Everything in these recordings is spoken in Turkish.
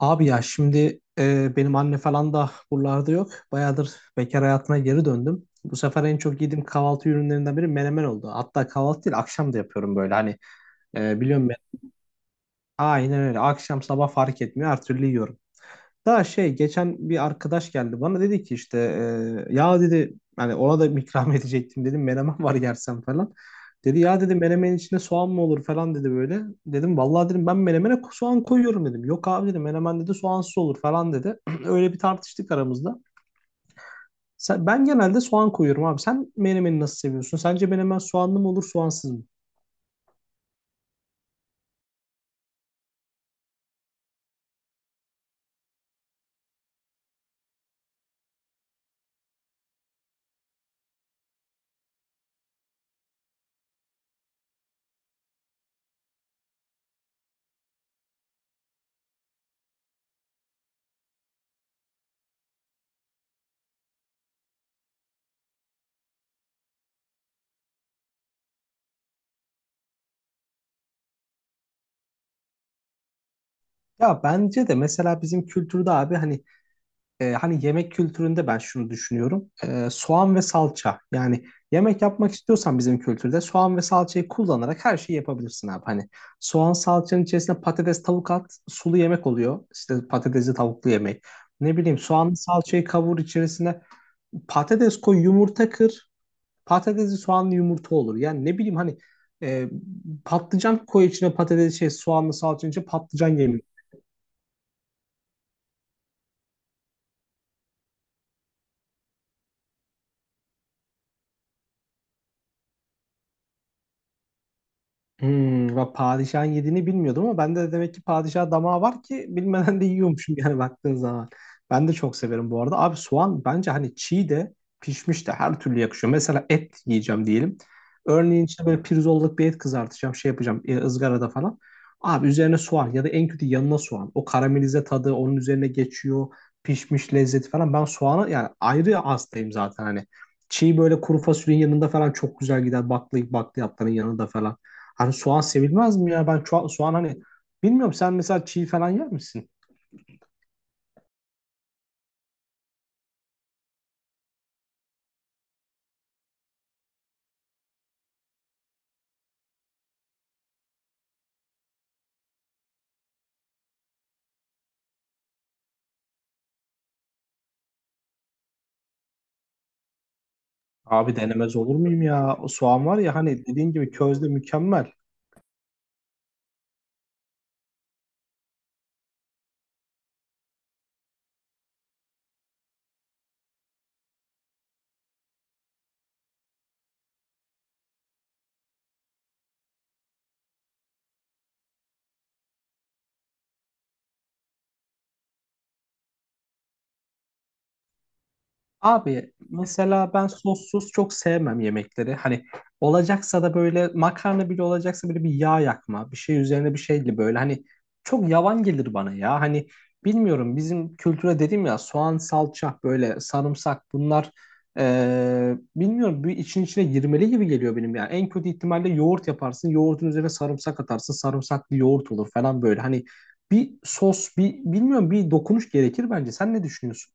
Abi ya şimdi benim anne falan da buralarda yok. Bayağıdır bekar hayatına geri döndüm. Bu sefer en çok yediğim kahvaltı ürünlerinden biri menemen oldu. Hatta kahvaltı değil akşam da yapıyorum böyle hani biliyorum ben. Aynen öyle akşam sabah fark etmiyor her türlü yiyorum. Daha şey geçen bir arkadaş geldi bana dedi ki işte ya dedi hani ona da ikram edecektim dedim menemen var yersen falan. Dedi ya dedi menemenin içine soğan mı olur falan dedi böyle. Dedim vallahi dedim ben menemene soğan koyuyorum dedim. Yok abi dedi menemen dedi soğansız olur falan dedi. Öyle bir tartıştık aramızda. Ben genelde soğan koyuyorum abi. Sen menemeni nasıl seviyorsun? Sence menemen soğanlı mı olur soğansız mı? Ya bence de mesela bizim kültürde abi hani yemek kültüründe ben şunu düşünüyorum. Soğan ve salça. Yani yemek yapmak istiyorsan bizim kültürde soğan ve salçayı kullanarak her şeyi yapabilirsin abi. Hani soğan salçanın içerisine patates tavuk at sulu yemek oluyor. İşte patatesli tavuklu yemek. Ne bileyim soğanlı salçayı kavur içerisine patates koy yumurta kır. Patatesli soğanlı yumurta olur. Yani ne bileyim hani e, patlıcan koy içine patates şey soğanlı salçanın içine patlıcan yemeği. Hmm, ben padişahın yediğini bilmiyordum ama bende de demek ki padişah damağı var ki bilmeden de yiyormuşum yani baktığın zaman. Ben de çok severim bu arada. Abi soğan bence hani çiğ de pişmiş de her türlü yakışıyor. Mesela et yiyeceğim diyelim. Örneğin işte böyle pirzolluk bir et kızartacağım, şey yapacağım ızgarada falan. Abi üzerine soğan ya da en kötü yanına soğan. O karamelize tadı onun üzerine geçiyor. Pişmiş lezzeti falan. Ben soğanı yani ayrı hastayım zaten hani. Çiğ böyle kuru fasulyenin yanında falan çok güzel gider. Baklayıp bakliyatların yanında falan. Hani soğan sevilmez mi ya? Ben soğan hani bilmiyorum sen mesela çiğ falan yer misin? Abi denemez olur muyum ya? O soğan var ya hani dediğin gibi közde mükemmel. Abi mesela ben sossuz çok sevmem yemekleri. Hani olacaksa da böyle makarna bile olacaksa böyle bir yağ yakma, bir şey üzerine bir şeyle böyle hani çok yavan gelir bana ya. Hani bilmiyorum bizim kültüre dedim ya soğan, salça, böyle sarımsak bunlar bilmiyorum bir için içine girmeli gibi geliyor benim yani. En kötü ihtimalle yoğurt yaparsın, yoğurdun üzerine sarımsak atarsın, sarımsaklı yoğurt olur falan böyle. Hani bir sos, bir bilmiyorum bir dokunuş gerekir bence. Sen ne düşünüyorsun?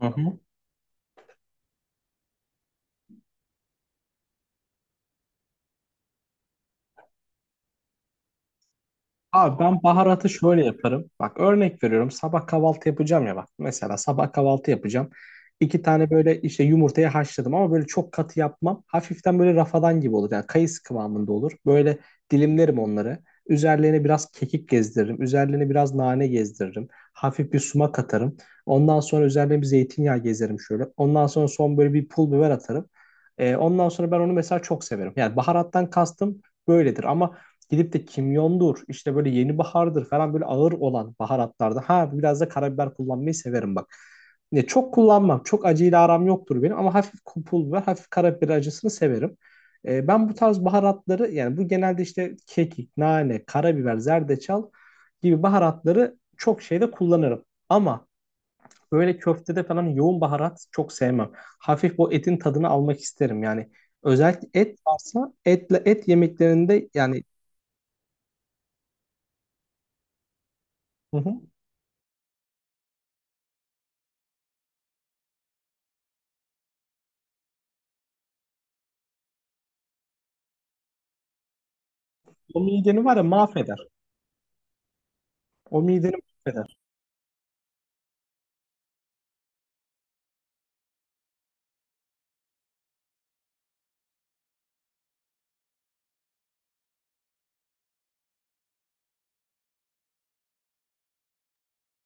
Hı hı. Abi ben baharatı şöyle yaparım. Bak örnek veriyorum. Sabah kahvaltı yapacağım ya bak. Mesela sabah kahvaltı yapacağım. İki tane böyle işte yumurtayı haşladım ama böyle çok katı yapmam. Hafiften böyle rafadan gibi olur. Yani kayısı kıvamında olur. Böyle dilimlerim onları. Üzerlerine biraz kekik gezdiririm. Üzerlerine biraz nane gezdiririm. Hafif bir sumak atarım. Ondan sonra üzerine bir zeytinyağı gezerim şöyle. Ondan sonra son böyle bir pul biber atarım. Ondan sonra ben onu mesela çok severim. Yani baharattan kastım böyledir ama gidip de kimyondur, işte böyle yeni bahardır falan böyle ağır olan baharatlarda. Ha biraz da karabiber kullanmayı severim bak. Ne çok kullanmam. Çok acıyla aram yoktur benim ama hafif pul ve hafif karabiber acısını severim. Ben bu tarz baharatları yani bu genelde işte kekik, nane, karabiber, zerdeçal gibi baharatları çok şeyde kullanırım. Ama böyle köftede falan yoğun baharat çok sevmem. Hafif bu etin tadını almak isterim. Yani özellikle et varsa etle et yemeklerinde yani. Hı hı. O mideni var ya mahveder. O mideni mahveder.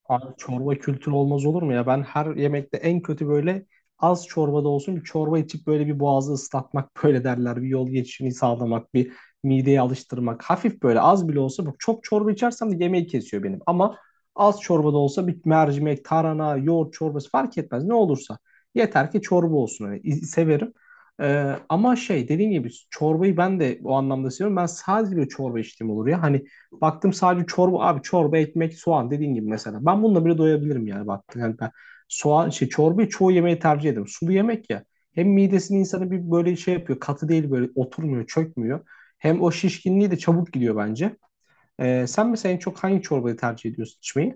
Abi çorba kültürü olmaz olur mu ya? Ben her yemekte en kötü böyle az çorbada olsun bir çorba içip böyle bir boğazı ıslatmak böyle derler. Bir yol geçişini sağlamak, bir mideyi alıştırmak. Hafif böyle az bile olsa bak çok çorba içersem de yemeği kesiyor benim. Ama az çorbada olsa bir mercimek, tarhana, yoğurt çorbası fark etmez ne olursa. Yeter ki çorba olsun. Hani severim. Ama şey dediğim gibi çorbayı ben de o anlamda seviyorum. Ben sadece bir çorba içtiğim olur ya. Hani baktım sadece çorba abi, çorba, ekmek, soğan dediğin gibi mesela. Ben bununla bile doyabilirim yani baktım. Yani ben soğan şey çorbayı çoğu yemeği tercih ederim. Sulu yemek ya. Hem midesini insanı bir böyle şey yapıyor. Katı değil böyle oturmuyor, çökmüyor. Hem o şişkinliği de çabuk gidiyor bence. Sen mesela en çok hangi çorbayı tercih ediyorsun içmeyi?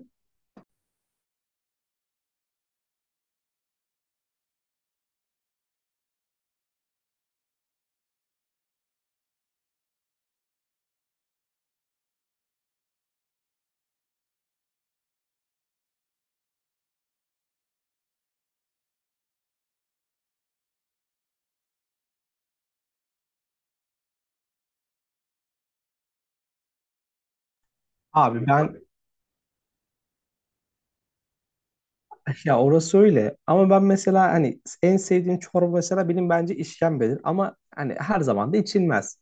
Abi ben Ya orası öyle ama ben mesela hani en sevdiğim çorba mesela benim bence işkembedir ama hani her zaman da içilmez.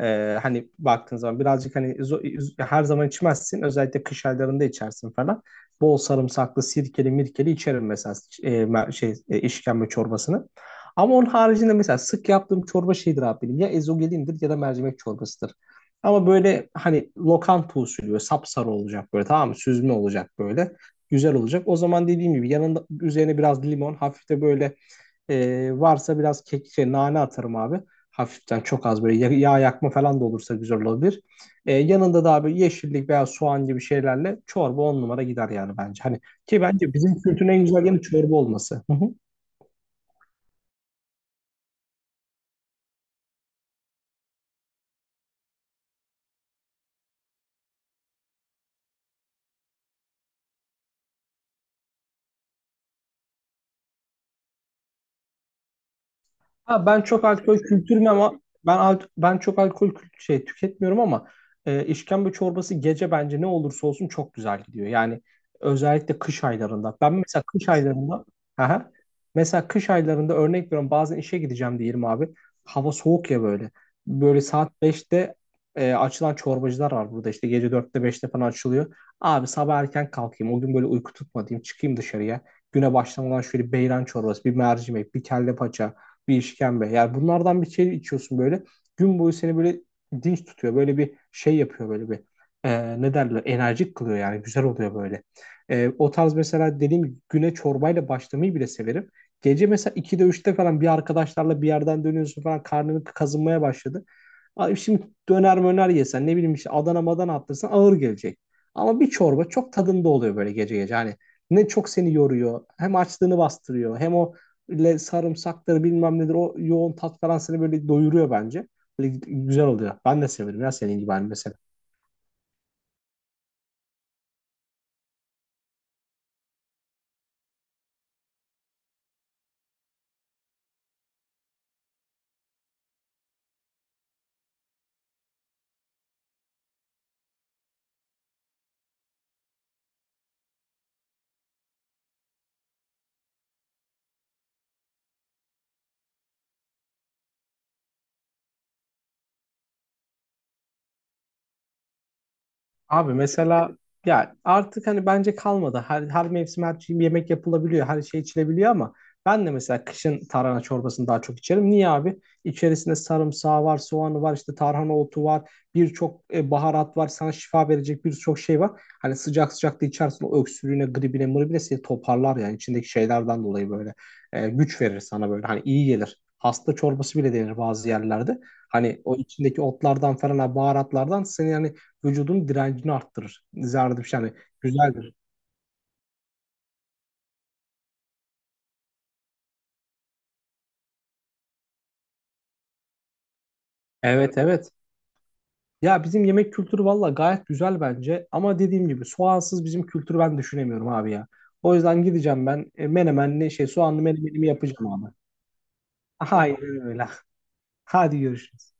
Hani baktığın zaman birazcık hani her zaman içmezsin özellikle kış aylarında içersin falan. Bol sarımsaklı sirkeli mirkeli içerim mesela şey işkembe çorbasını. Ama onun haricinde mesela sık yaptığım çorba şeydir abi benim ya ezogelindir ya da mercimek çorbasıdır. Ama böyle hani lokanta usulü böyle sapsarı olacak böyle tamam mı süzme olacak böyle güzel olacak. O zaman dediğim gibi yanında üzerine biraz limon, hafif de böyle varsa biraz kek, şey, nane atarım abi. Hafiften çok az böyle yağ, yakma falan da olursa güzel olabilir. Yanında da abi yeşillik veya soğan gibi şeylerle çorba on numara gider yani bence. Hani ki bence bizim kültürün en güzel yanı çorba olması. Hı hı. Ha, ben çok alkol kültürüm ama ben çok alkol şey tüketmiyorum ama işkembe çorbası gece bence ne olursa olsun çok güzel gidiyor. Yani özellikle kış aylarında. Ben mesela kış aylarında. Aha. Mesela kış aylarında örnek veriyorum bazen işe gideceğim diyelim abi. Hava soğuk ya böyle. Böyle saat beşte açılan çorbacılar var burada işte gece dörtte beşte falan açılıyor. Abi sabah erken kalkayım o gün böyle uyku tutmadayım çıkayım dışarıya. Güne başlamadan şöyle beyran çorbası, bir mercimek, bir kelle paça, bir işkembe. Yani bunlardan bir şey içiyorsun böyle. Gün boyu seni böyle dinç tutuyor. Böyle bir şey yapıyor böyle bir. Ne derler? Enerjik kılıyor yani. Güzel oluyor böyle. O tarz mesela dediğim gibi güne çorbayla başlamayı bile severim. Gece mesela 2'de üçte falan bir arkadaşlarla bir yerden dönüyorsun falan karnını kazınmaya başladı. Abi şimdi döner möner yesen ne bileyim işte Adana madana attırsan ağır gelecek. Ama bir çorba çok tadında oluyor böyle gece gece. Hani ne çok seni yoruyor, hem açlığını bastırıyor hem o ile sarımsaktır bilmem nedir o yoğun tat falan seni böyle doyuruyor bence. Böyle güzel oluyor. Ben de severim ya senin gibi hani mesela. Abi mesela ya artık hani bence kalmadı. Her mevsim her şey, yemek yapılabiliyor. Her şey içilebiliyor ama ben de mesela kışın tarhana çorbasını daha çok içerim. Niye abi? İçerisinde sarımsağı var, soğanı var, işte tarhana otu var. Birçok baharat var. Sana şifa verecek birçok şey var. Hani sıcak sıcak da içersin o öksürüğüne, gribine, mıribine seni toparlar yani içindeki şeylerden dolayı böyle. Güç verir sana böyle. Hani iyi gelir. Hasta çorbası bile denir bazı yerlerde. Hani o içindeki otlardan falan, baharatlardan seni hani vücudun direncini arttırır. Zerdüşt yani güzeldir. Evet, evet. Ya bizim yemek kültürü valla gayet güzel bence. Ama dediğim gibi soğansız bizim kültürü ben düşünemiyorum abi ya. O yüzden gideceğim ben menemenli şey soğanlı menemenimi yapacağım abi. Hayır öyle. Hadi görüşürüz.